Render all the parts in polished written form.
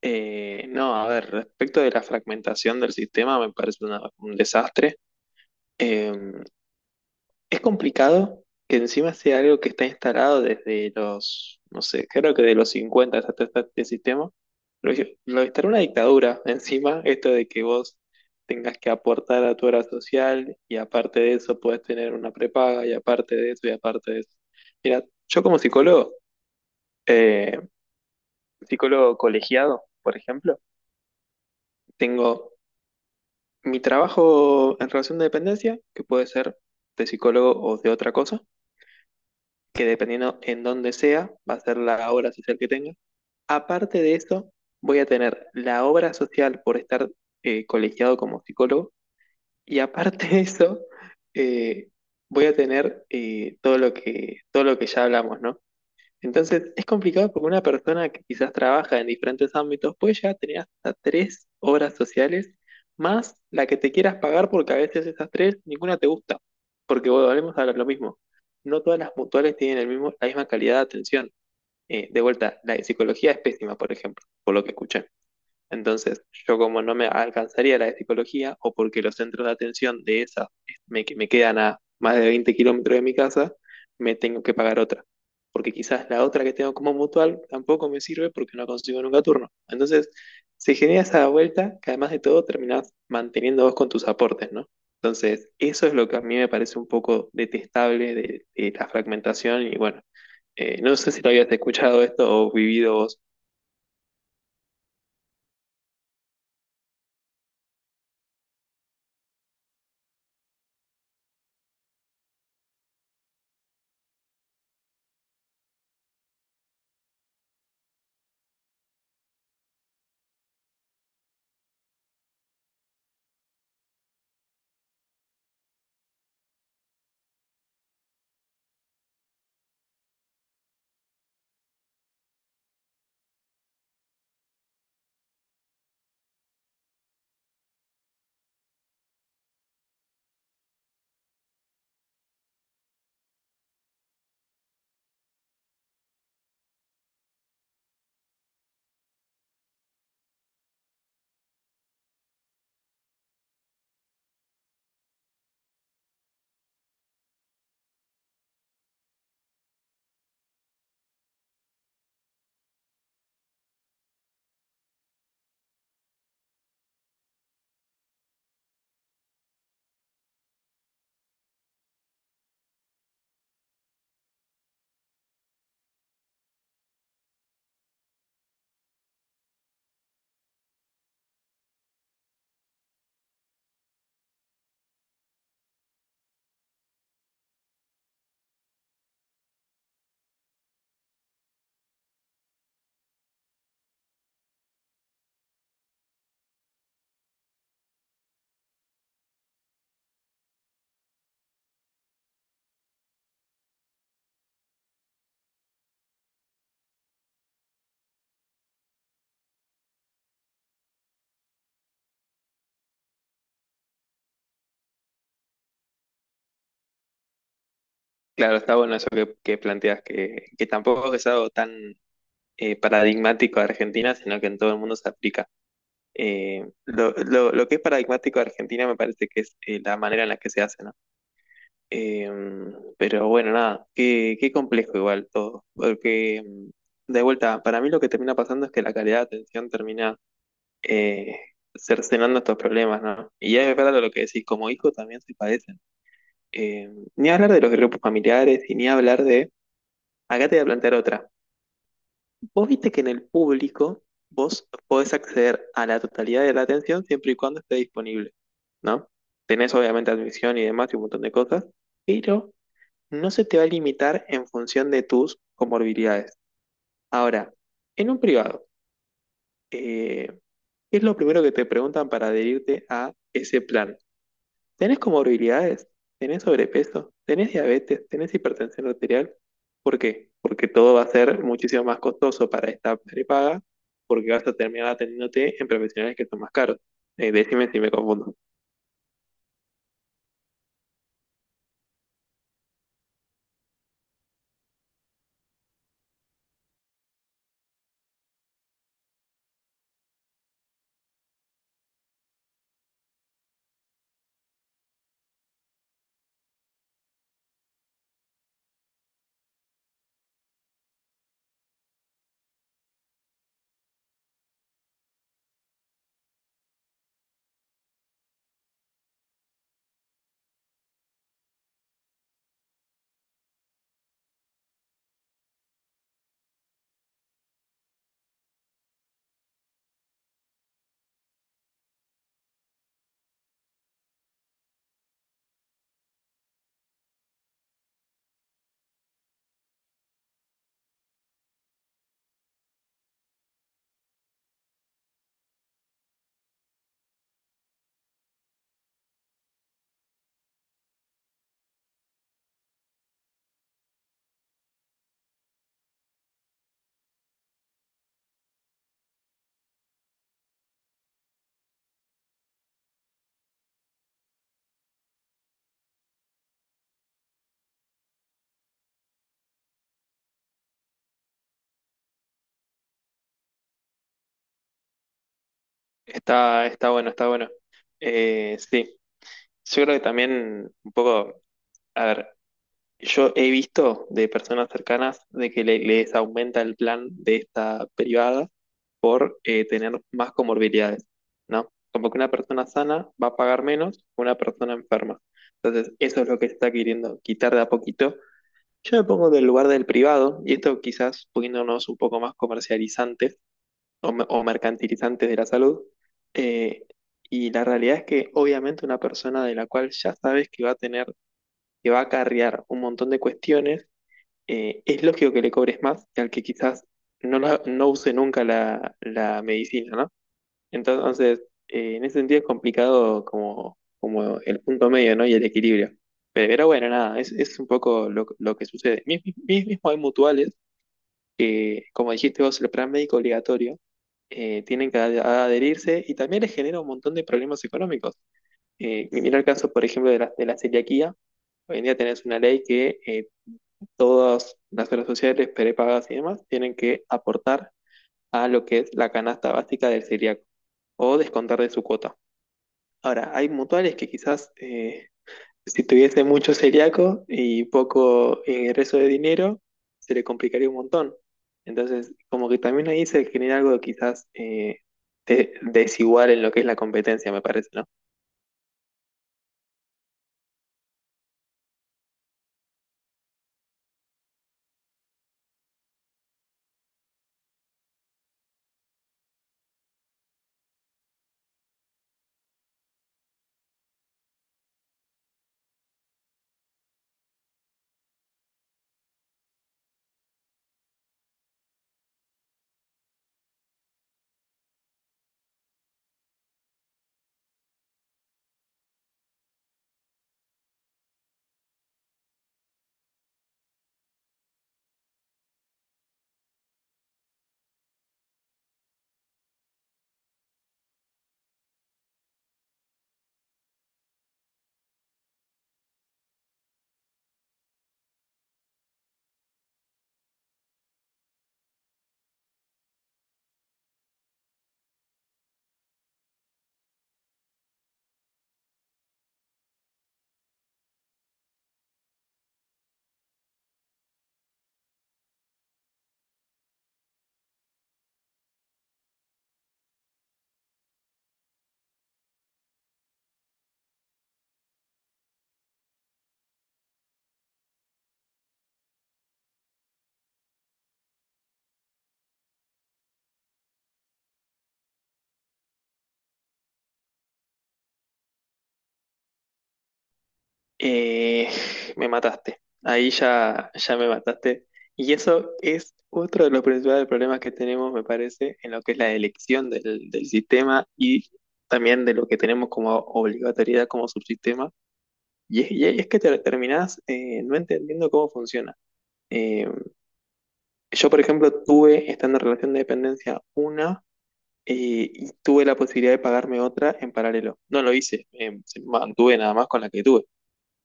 No, a ver, respecto de la fragmentación del sistema, me parece un desastre. Eh, es complicado que encima sea algo que está instalado desde los, no sé, creo que de los 50 hasta este sistema. Lo, lo instaló una dictadura encima, esto de que vos tengas que aportar a tu hora social y aparte de eso puedes tener una prepaga y aparte de eso y aparte de eso. Mira, yo como psicólogo, eh, psicólogo colegiado, por ejemplo, tengo. Mi trabajo en relación de dependencia, que puede ser de psicólogo o de otra cosa, que dependiendo en dónde sea, va a ser la obra social que tenga. Aparte de eso, voy a tener la obra social por estar colegiado como psicólogo, y aparte de eso, eh, voy a tener todo lo que ya hablamos, ¿no? Entonces es complicado porque una persona que quizás trabaja en diferentes ámbitos puede llegar a tener hasta tres obras sociales, más la que te quieras pagar porque a veces esas tres ninguna te gusta. Porque bueno, volvemos a lo mismo. No todas las mutuales tienen el mismo, la misma calidad de atención. De vuelta, la de psicología es pésima, por ejemplo, por lo que escuché. Entonces, yo, como no me alcanzaría la de psicología, o porque los centros de atención de esa me quedan a más de 20 km de mi casa, me tengo que pagar otra. Porque quizás la otra que tengo como mutual tampoco me sirve porque no consigo nunca turno. Entonces, se genera esa vuelta que, además de todo, terminás manteniendo vos con tus aportes, ¿no? Entonces, eso es lo que a mí me parece un poco detestable de, la fragmentación y bueno, no sé si lo habías escuchado esto o vivido vos. Claro, está bueno eso que, planteas, que tampoco es algo tan paradigmático de Argentina, sino que en todo el mundo se aplica. Lo que es paradigmático de Argentina me parece que es la manera en la que se hace, ¿no? Eh, pero bueno, nada, qué complejo igual todo, porque de vuelta, para mí lo que termina pasando es que la calidad de atención termina eh, cercenando estos problemas, ¿no? Y es verdad lo que decís, como hijo también se padecen. Eh, ni hablar de los grupos familiares y ni hablar de. Acá te voy a plantear otra. Vos viste que en el público vos podés acceder a la totalidad de la atención siempre y cuando esté disponible, ¿no? Tenés obviamente admisión y demás y un montón de cosas, pero no se te va a limitar en función de tus comorbilidades. Ahora, en un privado, eh, ¿qué es lo primero que te preguntan para adherirte a ese plan? Tenés comorbilidades, tenés sobrepeso, tenés diabetes, tenés hipertensión arterial. ¿Por qué? Porque todo va a ser muchísimo más costoso para esta prepaga, porque vas a terminar atendiéndote en profesionales que son más caros. Decime si me confundo. Está bueno, está bueno. Sí, yo creo que también un poco, a ver, yo he visto de personas cercanas de que les aumenta el plan de esta privada por tener más comorbilidades, ¿no? Como que una persona sana va a pagar menos que una persona enferma. Entonces, eso es lo que se está queriendo quitar de a poquito. Yo me pongo del lugar del privado, y esto quizás poniéndonos un poco más comercializantes o, mercantilizantes de la salud. eh, y la realidad es que obviamente una persona de la cual ya sabes que va a tener, que va a acarrear un montón de cuestiones, es lógico que le cobres más que al que quizás no, no use nunca la medicina, ¿no? Entonces, en ese sentido es complicado como, el punto medio, ¿no? Y el equilibrio. Pero bueno, nada, es, un poco lo que sucede. Mismo hay mutuales que, como dijiste vos, el plan médico obligatorio, tienen que adherirse, y también les genera un montón de problemas económicos. Mira el caso, por ejemplo, de la celiaquía. Hoy en día tenés una ley que todas las obras sociales, prepagas y demás, tienen que aportar a lo que es la canasta básica del celíaco, o descontar de su cuota. Ahora, hay mutuales que quizás si tuviese mucho celíaco y poco ingreso de dinero, se le complicaría un montón. Entonces, como que también ahí se genera algo quizás desigual en lo que es la competencia, me parece, ¿no? Eh, me mataste. Ahí ya, ya me mataste. Y eso es otro de los principales problemas que tenemos, me parece, en lo que es la elección del sistema, y también de lo que tenemos como obligatoriedad como subsistema. Y es que te terminás no entendiendo cómo funciona. Eh, yo, por ejemplo, tuve, estando en relación de dependencia, una y tuve la posibilidad de pagarme otra en paralelo. No lo hice, mantuve nada más con la que tuve.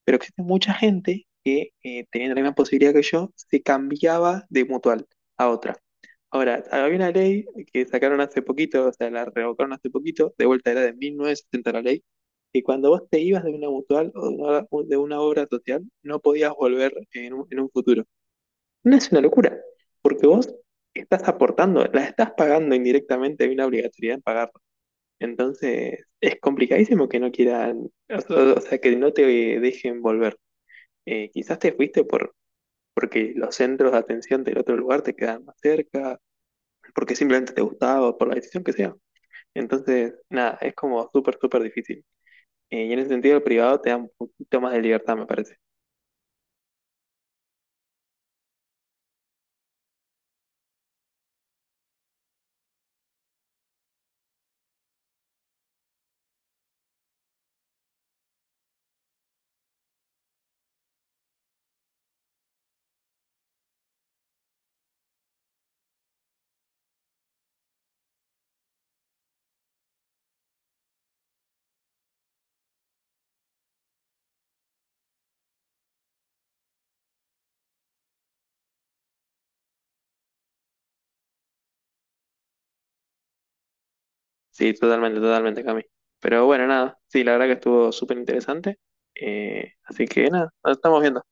Pero existe mucha gente que, teniendo la misma posibilidad que yo, se cambiaba de mutual a otra. Ahora, había una ley que sacaron hace poquito, o sea, la revocaron hace poquito, de vuelta era de 1970 la ley, que cuando vos te ibas de una mutual o de una obra social, no podías volver en un, futuro. No es una locura, porque vos estás aportando, la estás pagando indirectamente, hay una obligatoriedad en pagarlo. Entonces, es complicadísimo que no quieran, o sea, que no te dejen volver. Quizás te fuiste porque los centros de atención del otro lugar te quedan más cerca, porque simplemente te gustaba, o por la decisión que sea. Entonces, nada, es como súper, súper difícil. Y en ese sentido, el privado te da un poquito más de libertad, me parece. Sí, totalmente, totalmente, Cami. Pero bueno, nada, sí, la verdad que estuvo súper interesante. Así que nada, nos estamos viendo.